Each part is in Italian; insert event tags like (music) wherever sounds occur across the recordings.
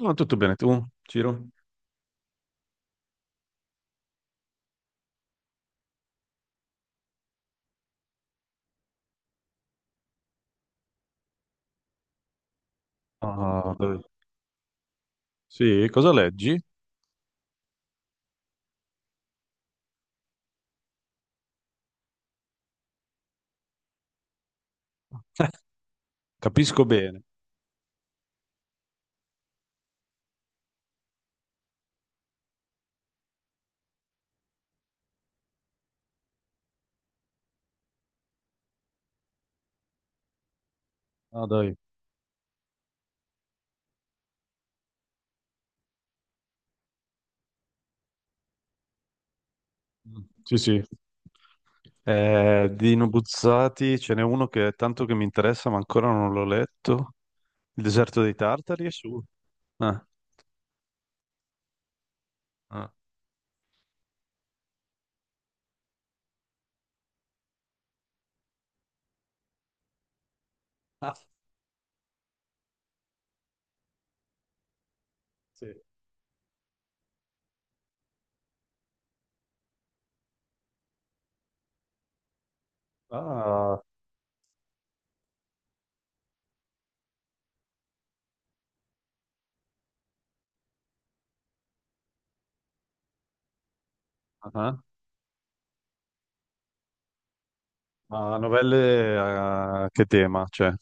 No, tutto bene, tu, Ciro? Ah, dai. Sì, cosa leggi? (laughs) Capisco bene. Ah, dai. Sì, sì. Di Nobuzzati ce n'è uno che è tanto che mi interessa, ma ancora non l'ho letto. Il deserto dei Tartari è su. Ah, ah. Ah, sì. Ah, ah. Ma novelle, a che tema? Cioè.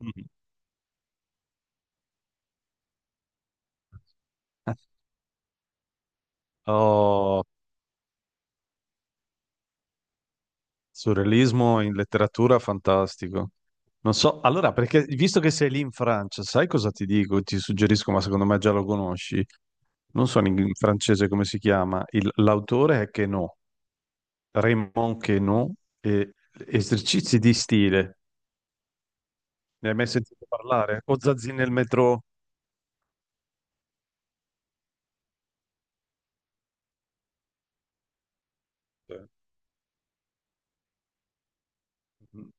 Mhm. (laughs) Oh, surrealismo in letteratura, fantastico. Non so, allora, perché visto che sei lì in Francia, sai cosa ti dico? Ti suggerisco, ma secondo me già lo conosci. Non so in francese come si chiama. L'autore è Queneau, Raymond Queneau, e Esercizi di stile. Ne hai mai sentito parlare? O Zazzini nel metro? Eh, mm,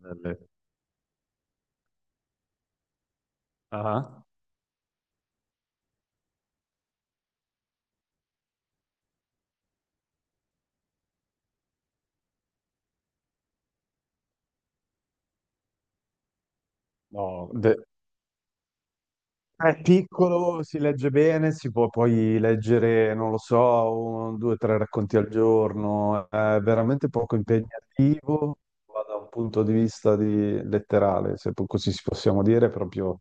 Nelle- Ah, no. È piccolo, si legge bene, si può poi leggere, non lo so, un, due, tre racconti al giorno, è veramente poco impegnativo, ma da un punto di vista letterale, se po- così si possiamo dire, proprio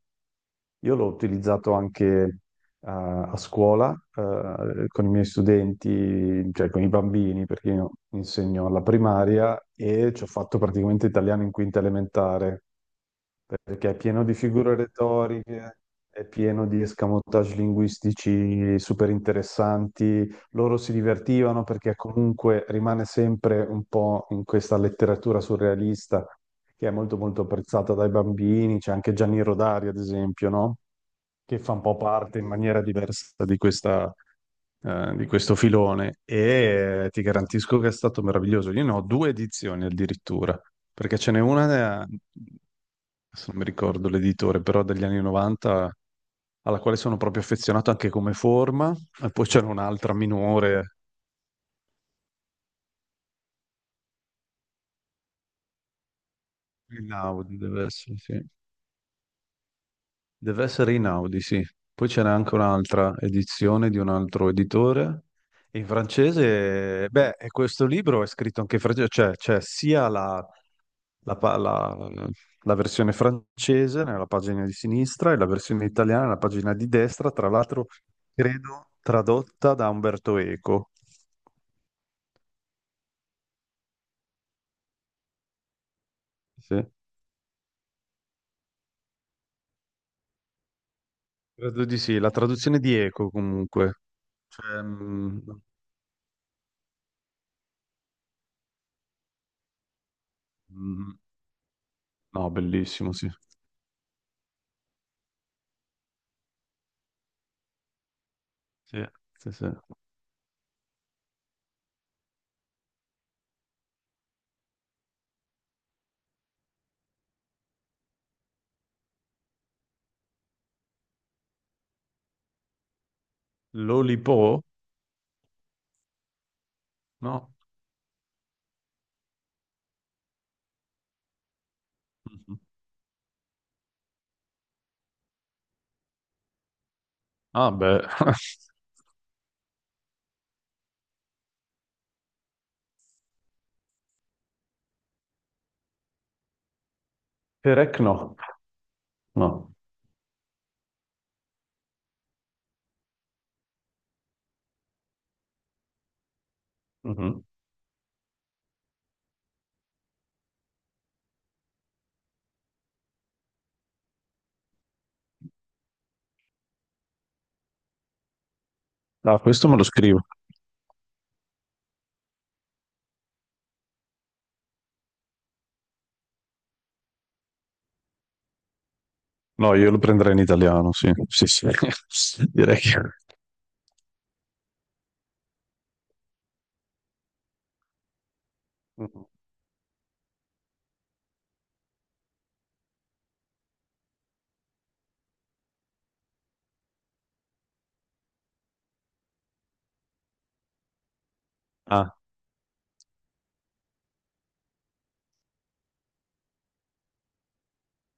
io l'ho utilizzato anche, a scuola, con i miei studenti, cioè con i bambini, perché io insegno alla primaria e ci ho fatto praticamente italiano in quinta elementare, perché è pieno di figure retoriche, è pieno di escamotage linguistici super interessanti. Loro si divertivano perché comunque rimane sempre un po' in questa letteratura surrealista che è molto molto apprezzata dai bambini. C'è anche Gianni Rodari, ad esempio, no? Che fa un po' parte in maniera diversa di questo filone, e ti garantisco che è stato meraviglioso. Io ne ho due edizioni addirittura, perché ce n'è una, adesso non mi ricordo l'editore, però degli anni '90, alla quale sono proprio affezionato anche come forma, e poi c'era un'altra minore, in Audi deve essere, sì. Deve essere Inaudi, sì. Poi ce n'è anche un'altra edizione di un altro editore. In francese, beh, e questo libro è scritto anche in francese, cioè c'è sia la pa- la- la versione francese nella pagina di sinistra e la versione italiana nella pagina di destra, tra l'altro credo tradotta da Umberto Eco. Sì. Credo di sì, la traduzione di Eco comunque. Cioè, mm, mm, mm, no, bellissimo, sì. Sì, sì, sì. L'Olipo? No. Mhm. Ah, beh. (laughs) Perec no. No. Mhm. Ah, questo me lo scrivo. No, io lo prenderei in italiano, sì. Sì, sì. (laughs) Direi che. Mhm. Ah,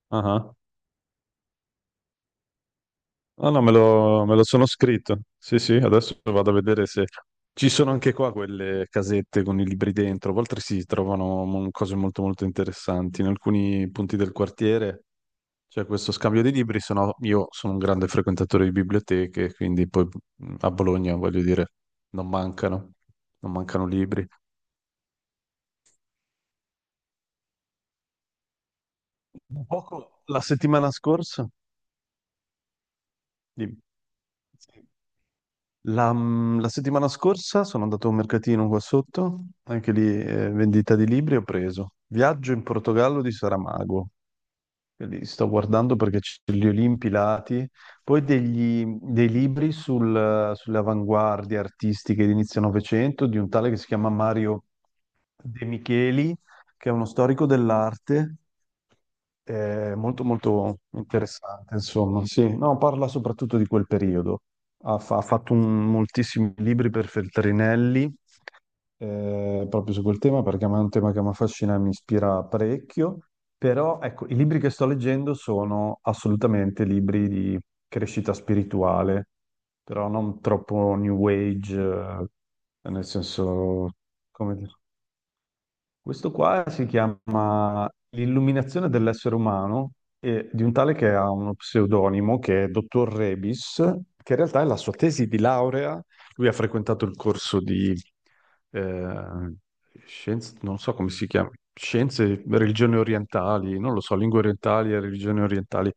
ah, ah. Ah, no, me lo sono scritto. Sì, sì, adesso vado a vedere se. Ci sono anche qua quelle casette con i libri dentro. A volte si trovano cose molto, molto interessanti. In alcuni punti del quartiere c'è questo scambio di libri, se no io sono un grande frequentatore di biblioteche, quindi poi, a Bologna, voglio dire, non mancano, non mancano libri. Un poco la settimana scorsa, dimmi. La settimana scorsa sono andato a un mercatino qua sotto, anche lì, vendita di libri, ho preso Viaggio in Portogallo di Saramago. Li sto guardando perché c'è gli Olimpi Lati, poi dei libri sulle avanguardie artistiche di inizio Novecento di un tale che si chiama Mario De Micheli, che è uno storico dell'arte, molto molto interessante, insomma. Sì, no, parla soprattutto di quel periodo. Ha fatto moltissimi libri per Feltrinelli, proprio su quel tema perché a me è un tema che mi affascina e mi ispira parecchio, però ecco, i libri che sto leggendo sono assolutamente libri di crescita spirituale, però non troppo new age, nel senso, come dire. Questo qua si chiama L'illuminazione dell'essere umano, e di un tale che ha uno pseudonimo che è Dottor Rebis, che in realtà è la sua tesi di laurea. Lui ha frequentato il corso di eh, scienze, non so come si chiama, scienze, religioni orientali, non lo so, lingue orientali e religioni orientali,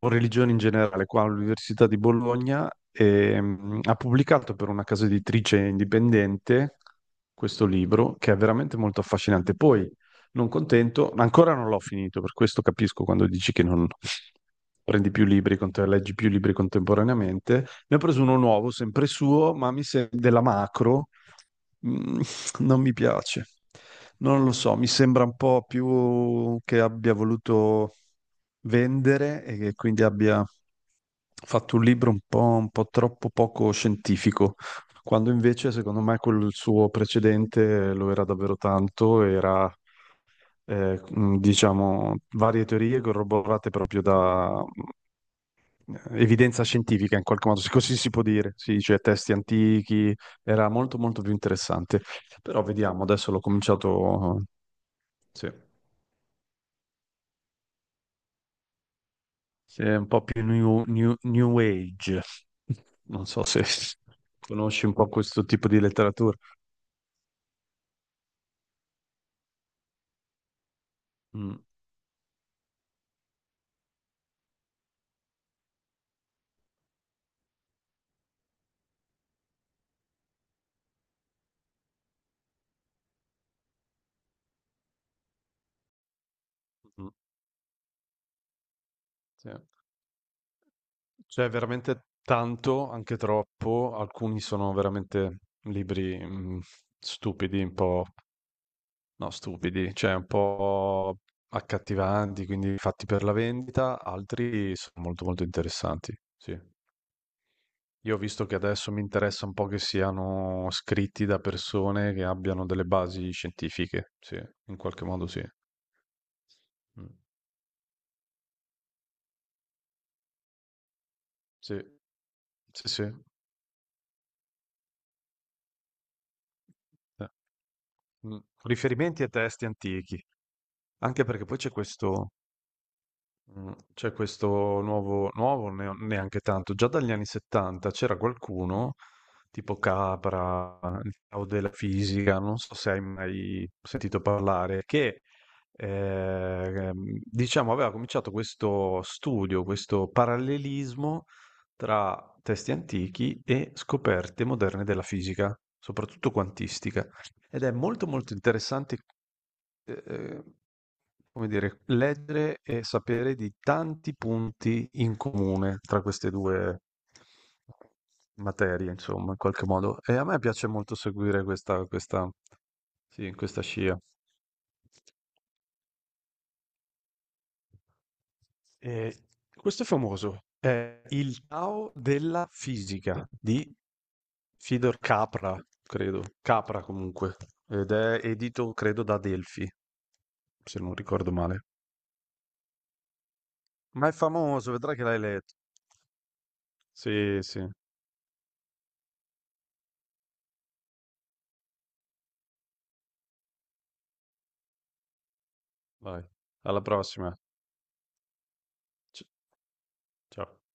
o religioni in generale, qua all'Università di Bologna. Ha pubblicato per una casa editrice indipendente questo libro che è veramente molto affascinante. Poi, non contento, ancora non l'ho finito, per questo capisco quando dici che non, prendi più libri, leggi più libri contemporaneamente. Ne ho preso uno nuovo, sempre suo, ma mi sembra della macro. Mm, (laughs) Non mi piace. Non lo so, mi sembra un po' più che abbia voluto vendere e che quindi abbia fatto un libro un po' troppo poco scientifico, quando invece secondo me quel suo precedente lo era davvero tanto, era diciamo varie teorie corroborate proprio da evidenza scientifica, in qualche modo, se così si può dire, si dice testi antichi, era molto molto più interessante. Però vediamo, adesso l'ho cominciato, sì, sì, è un po' più new age, non so se conosci un po' questo tipo di letteratura. Mm, mm, sì. C'è veramente tanto, anche troppo, alcuni sono veramente libri, stupidi, un po'. No, stupidi, cioè un po' accattivanti, quindi fatti per la vendita, altri sono molto molto interessanti, sì. Io ho visto che adesso mi interessa un po' che siano scritti da persone che abbiano delle basi scientifiche, sì, in qualche modo sì. Mm. Sì, sì, sì. Mm. Riferimenti a testi antichi, anche perché poi c'è questo nuovo nuovo neo neanche tanto, già dagli anni '70 c'era qualcuno, tipo Capra, il Tao della fisica, non so se hai mai sentito parlare, che, ehm, diciamo aveva cominciato questo studio, questo parallelismo tra testi antichi e scoperte moderne della fisica, soprattutto quantistica. Ed è molto, molto interessante, ehm, come dire, leggere e sapere di tanti punti in comune tra queste due materie, insomma, in qualche modo. E a me piace molto seguire, sì, questa scia. E questo è famoso, è il Tao della fisica di Fidor Capra, credo, Capra comunque, ed è edito, credo, da Delphi, se non ricordo male. Ma è famoso, vedrai che l'hai letto. Sì, sì, vai. Alla prossima. Ci- Ciao.